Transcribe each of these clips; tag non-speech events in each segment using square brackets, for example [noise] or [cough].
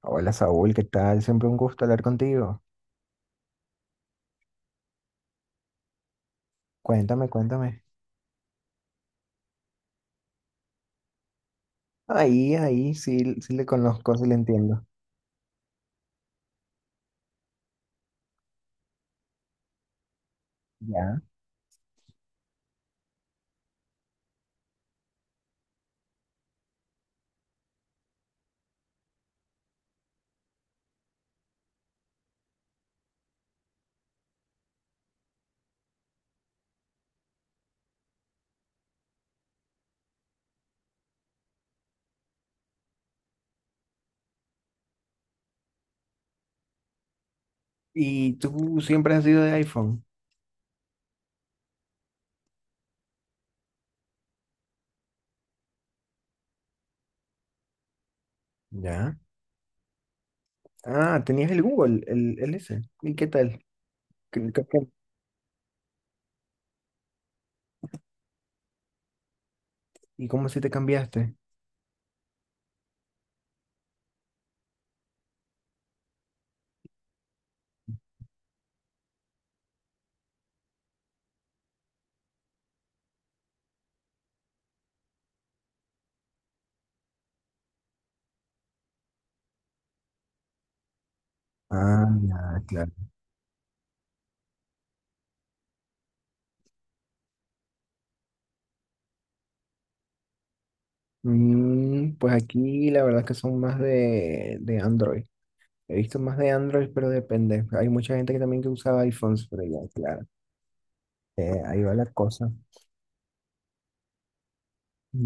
Hola Saúl, ¿qué tal? Siempre un gusto hablar contigo. Cuéntame, cuéntame. Ahí, ahí, sí, sí le conozco, sí le entiendo. Ya. ¿Y tú siempre has sido de iPhone? Ya. Ah, tenías el Google, el ese. ¿Y qué tal? ¿Qué- qué fue? ¿Y cómo así te cambiaste? Ah, ya, claro. Mm, pues aquí la verdad que son más de Android. He visto más de Android, pero depende. Hay mucha gente que también que usaba iPhones, pero ya, claro. Ahí va la cosa.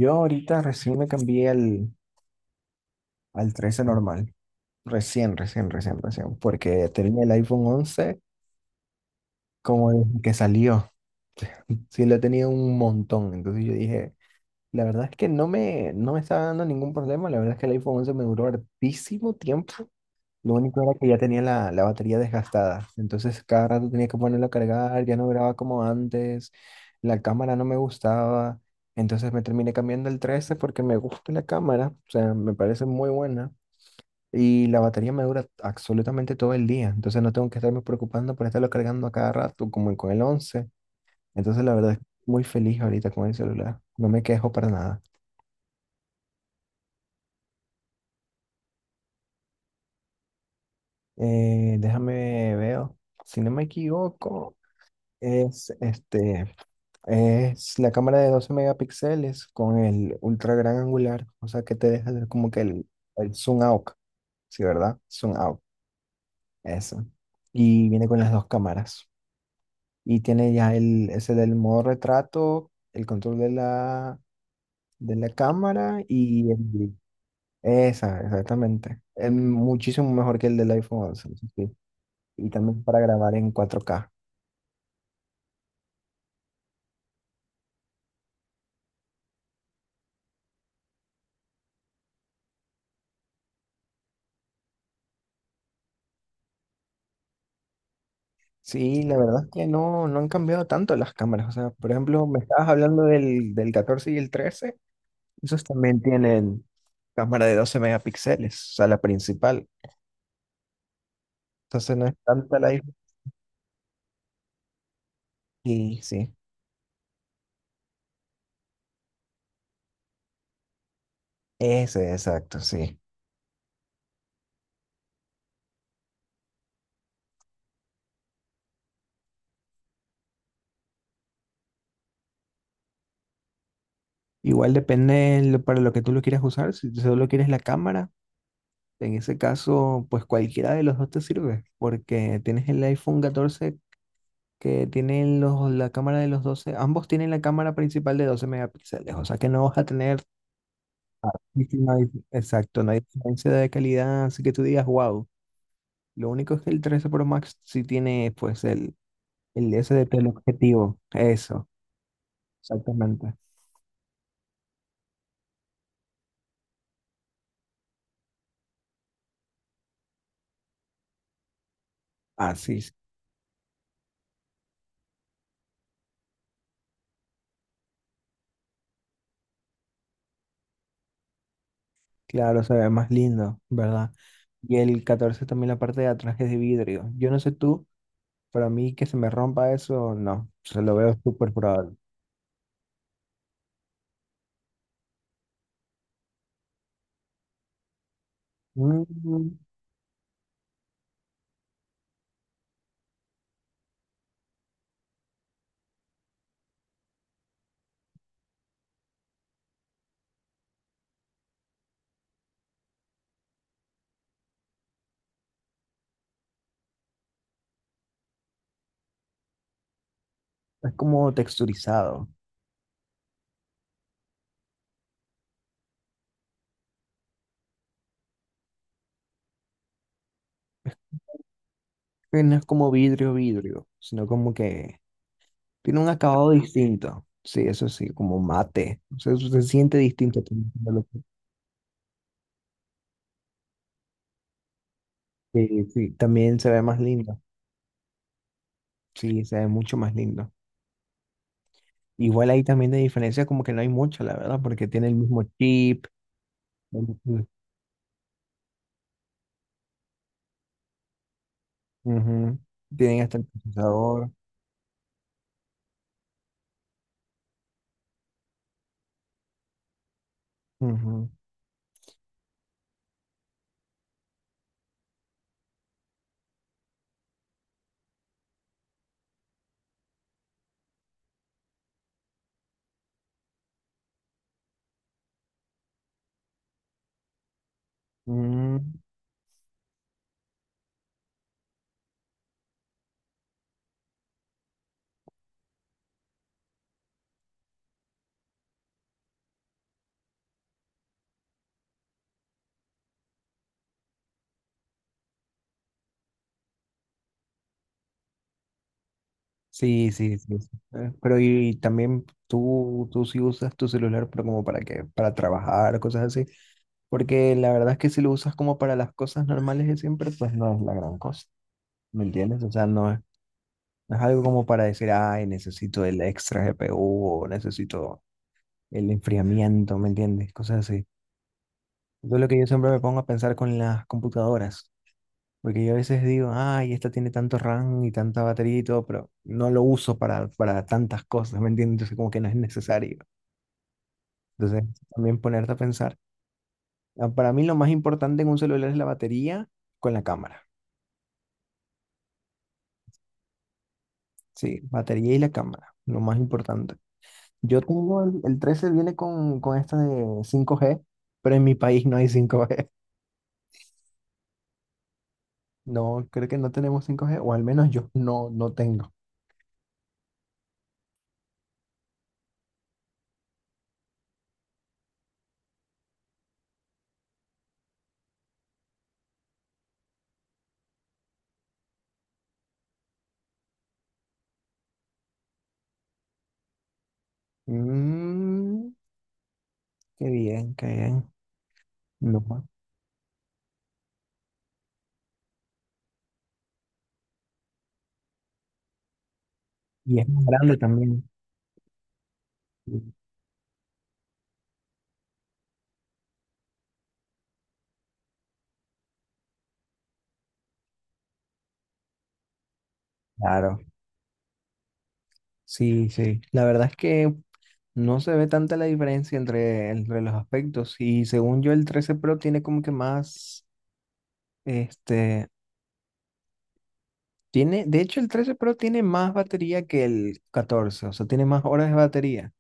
Yo ahorita recién me cambié al 13 normal. Recién, recién, recién, recién. Porque tenía el iPhone 11 como desde que salió. Sí, lo he tenido un montón. Entonces yo dije, la verdad es que no me estaba dando ningún problema. La verdad es que el iPhone 11 me duró hartísimo tiempo. Lo único era que ya tenía la batería desgastada. Entonces cada rato tenía que ponerlo a cargar. Ya no grababa como antes. La cámara no me gustaba. Entonces me terminé cambiando el 13 porque me gusta la cámara. O sea, me parece muy buena. Y la batería me dura absolutamente todo el día. Entonces no tengo que estarme preocupando por estarlo cargando a cada rato, como con el once. Entonces la verdad es muy feliz ahorita con el celular. No me quejo para nada. Déjame veo. Si no me equivoco, es, este, es la cámara de 12 megapíxeles con el ultra gran angular. O sea que te deja ver como que el zoom out. Sí, ¿verdad? Zoom out. Eso. Y viene con las dos cámaras. Y tiene ya el, ese del modo retrato, el control de de la cámara y el- esa, exactamente. Es muchísimo mejor que el del iPhone 11, eso sí. Y también para grabar en 4K. Sí, la verdad es que no han cambiado tanto las cámaras. O sea, por ejemplo, me estabas hablando del 14 y el trece. Esos también tienen cámara de 12 megapíxeles, o sea, la principal. Entonces no es tanta la diferencia. Sí, sí. Ese, exacto, sí. Igual depende lo- para lo que tú lo quieras usar. Si tú solo quieres la cámara, en ese caso, pues cualquiera de los dos te sirve, porque tienes el iPhone 14 que tiene los, la cámara de los doce. Ambos tienen la cámara principal de 12 megapíxeles, o sea que no vas a tener, no hay- exacto, no hay diferencia de calidad, así que tú digas, wow. Lo único es que el 13 Pro Max sí tiene, pues, el SDP, el objetivo. Eso, exactamente. Así, es. Claro, se ve más lindo, ¿verdad? Y el 14 también la parte de atrás es de vidrio. Yo no sé tú, pero a mí que se me rompa eso, no. Se lo veo súper probable. Mm, es como texturizado. Que no es como vidrio, vidrio, sino como que tiene un acabado distinto. Sí, eso sí, como mate. O sea, eso se siente distinto. También de lo que- sí, sí, también se ve más lindo. Sí, se ve mucho más lindo. Igual ahí también de diferencia como que no hay mucho, la verdad, porque tiene el mismo chip. El mismo- ujú. Tienen hasta el procesador. Ujú. Mm, sí, sí, sí. Sí. Pero y también tú sí usas tu celular, pero como para qué, para trabajar, cosas así. Porque la verdad es que si lo usas como para las cosas normales de siempre, pues no es la gran cosa. ¿Me entiendes? O sea, no es, no es algo como para decir, ay, necesito el extra GPU o necesito el enfriamiento, ¿me entiendes? Cosas así. Eso es lo que yo siempre me pongo a pensar con las computadoras. Porque yo a veces digo, ay, esta tiene tanto RAM y tanta batería y todo, pero no lo uso para tantas cosas, ¿me entiendes? Entonces como que no es necesario. Entonces también ponerte a pensar. Ah, para mí lo más importante en un celular es la batería con la cámara. Sí, batería y la cámara, lo más importante. Yo tengo el 13 viene con esta de 5G, pero en mi país no hay 5G. [laughs] No, creo que no tenemos 5G o al menos yo no, no tengo. Mm, qué bien, qué bien. No, y es más grande también. Claro, sí, sí. La verdad es que no se ve tanta la diferencia entre, entre los aspectos. Y según yo, el 13 Pro tiene como que más, este, tiene, de hecho, el 13 Pro tiene más batería que el 14, o sea, tiene más horas de batería.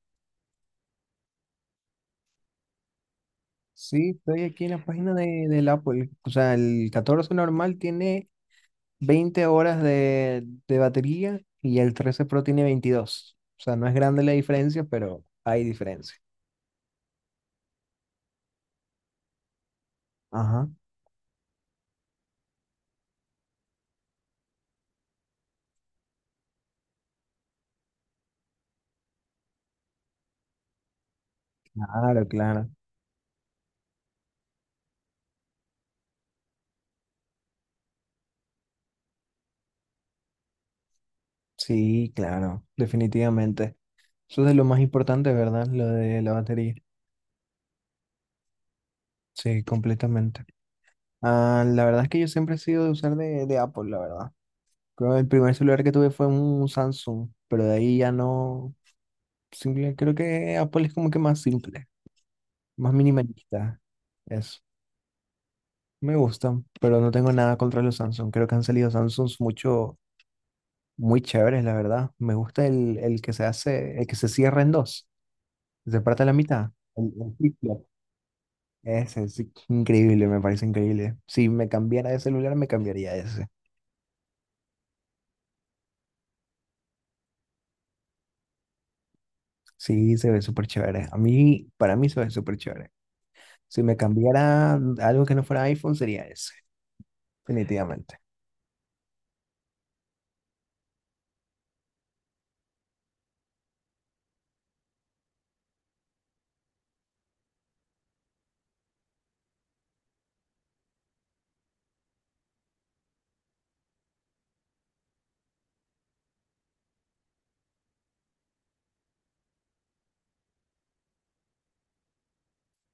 Sí, estoy aquí en la página del Apple. O sea, el 14 normal tiene 20 horas de batería y el 13 Pro tiene 22. O sea, no es grande la diferencia, pero hay diferencia. Ajá, claro, claro. Sí, claro, definitivamente. Eso es de lo más importante, ¿verdad? Lo de la batería. Sí, completamente. Ah, la verdad es que yo siempre he sido de usar de Apple, la verdad. Creo que el primer celular que tuve fue un Samsung, pero de ahí ya no. Simple, creo que Apple es como que más simple, más minimalista. Eso. Me gustan, pero no tengo nada contra los Samsung. Creo que han salido Samsungs mucho, muy chéveres, la verdad. Me gusta el que se hace, el que se cierra en dos, se parte a la mitad. El flip-flop. Ese es increíble, me parece increíble. Si me cambiara de celular, me cambiaría ese. Sí, se ve súper chévere. A mí, para mí se ve súper chévere. Si me cambiara algo que no fuera iPhone, sería ese, definitivamente.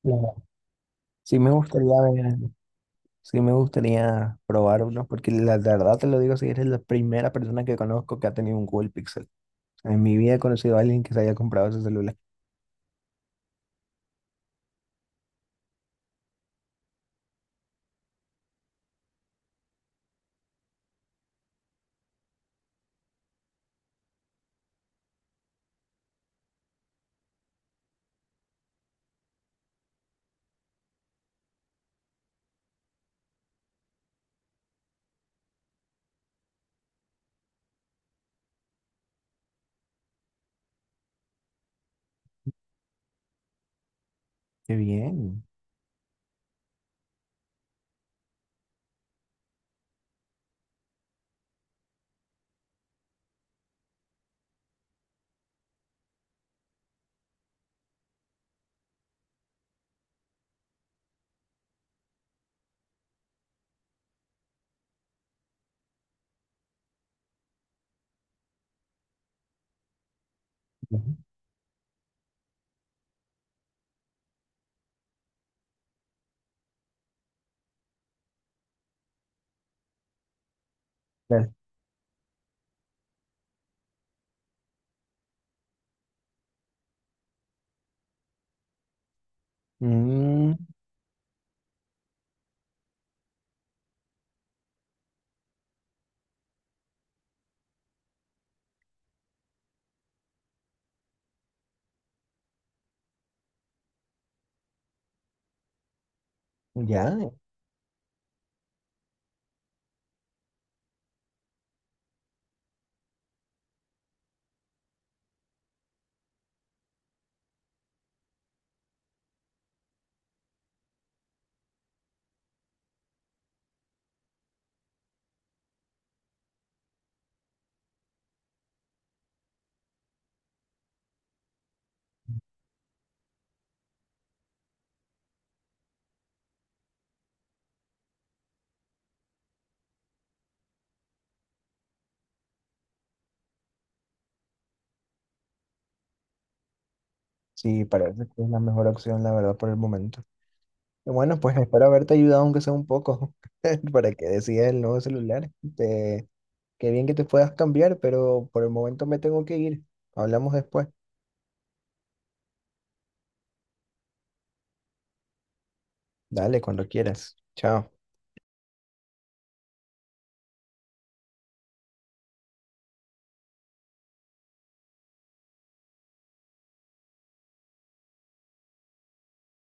Claro. Sí me gustaría ver, sí me gustaría probar uno, porque la verdad te lo digo, si eres la primera persona que conozco que ha tenido un Google Pixel. En mi vida he conocido a alguien que se haya comprado ese celular. Qué bien. Ujú. Claro. Mm, ya, sí, parece que es la mejor opción, la verdad, por el momento. Bueno, pues espero haberte ayudado aunque sea un poco [laughs] para que decidas el nuevo celular. Te- qué bien que te puedas cambiar, pero por el momento me tengo que ir. Hablamos después. Dale, cuando quieras. Chao.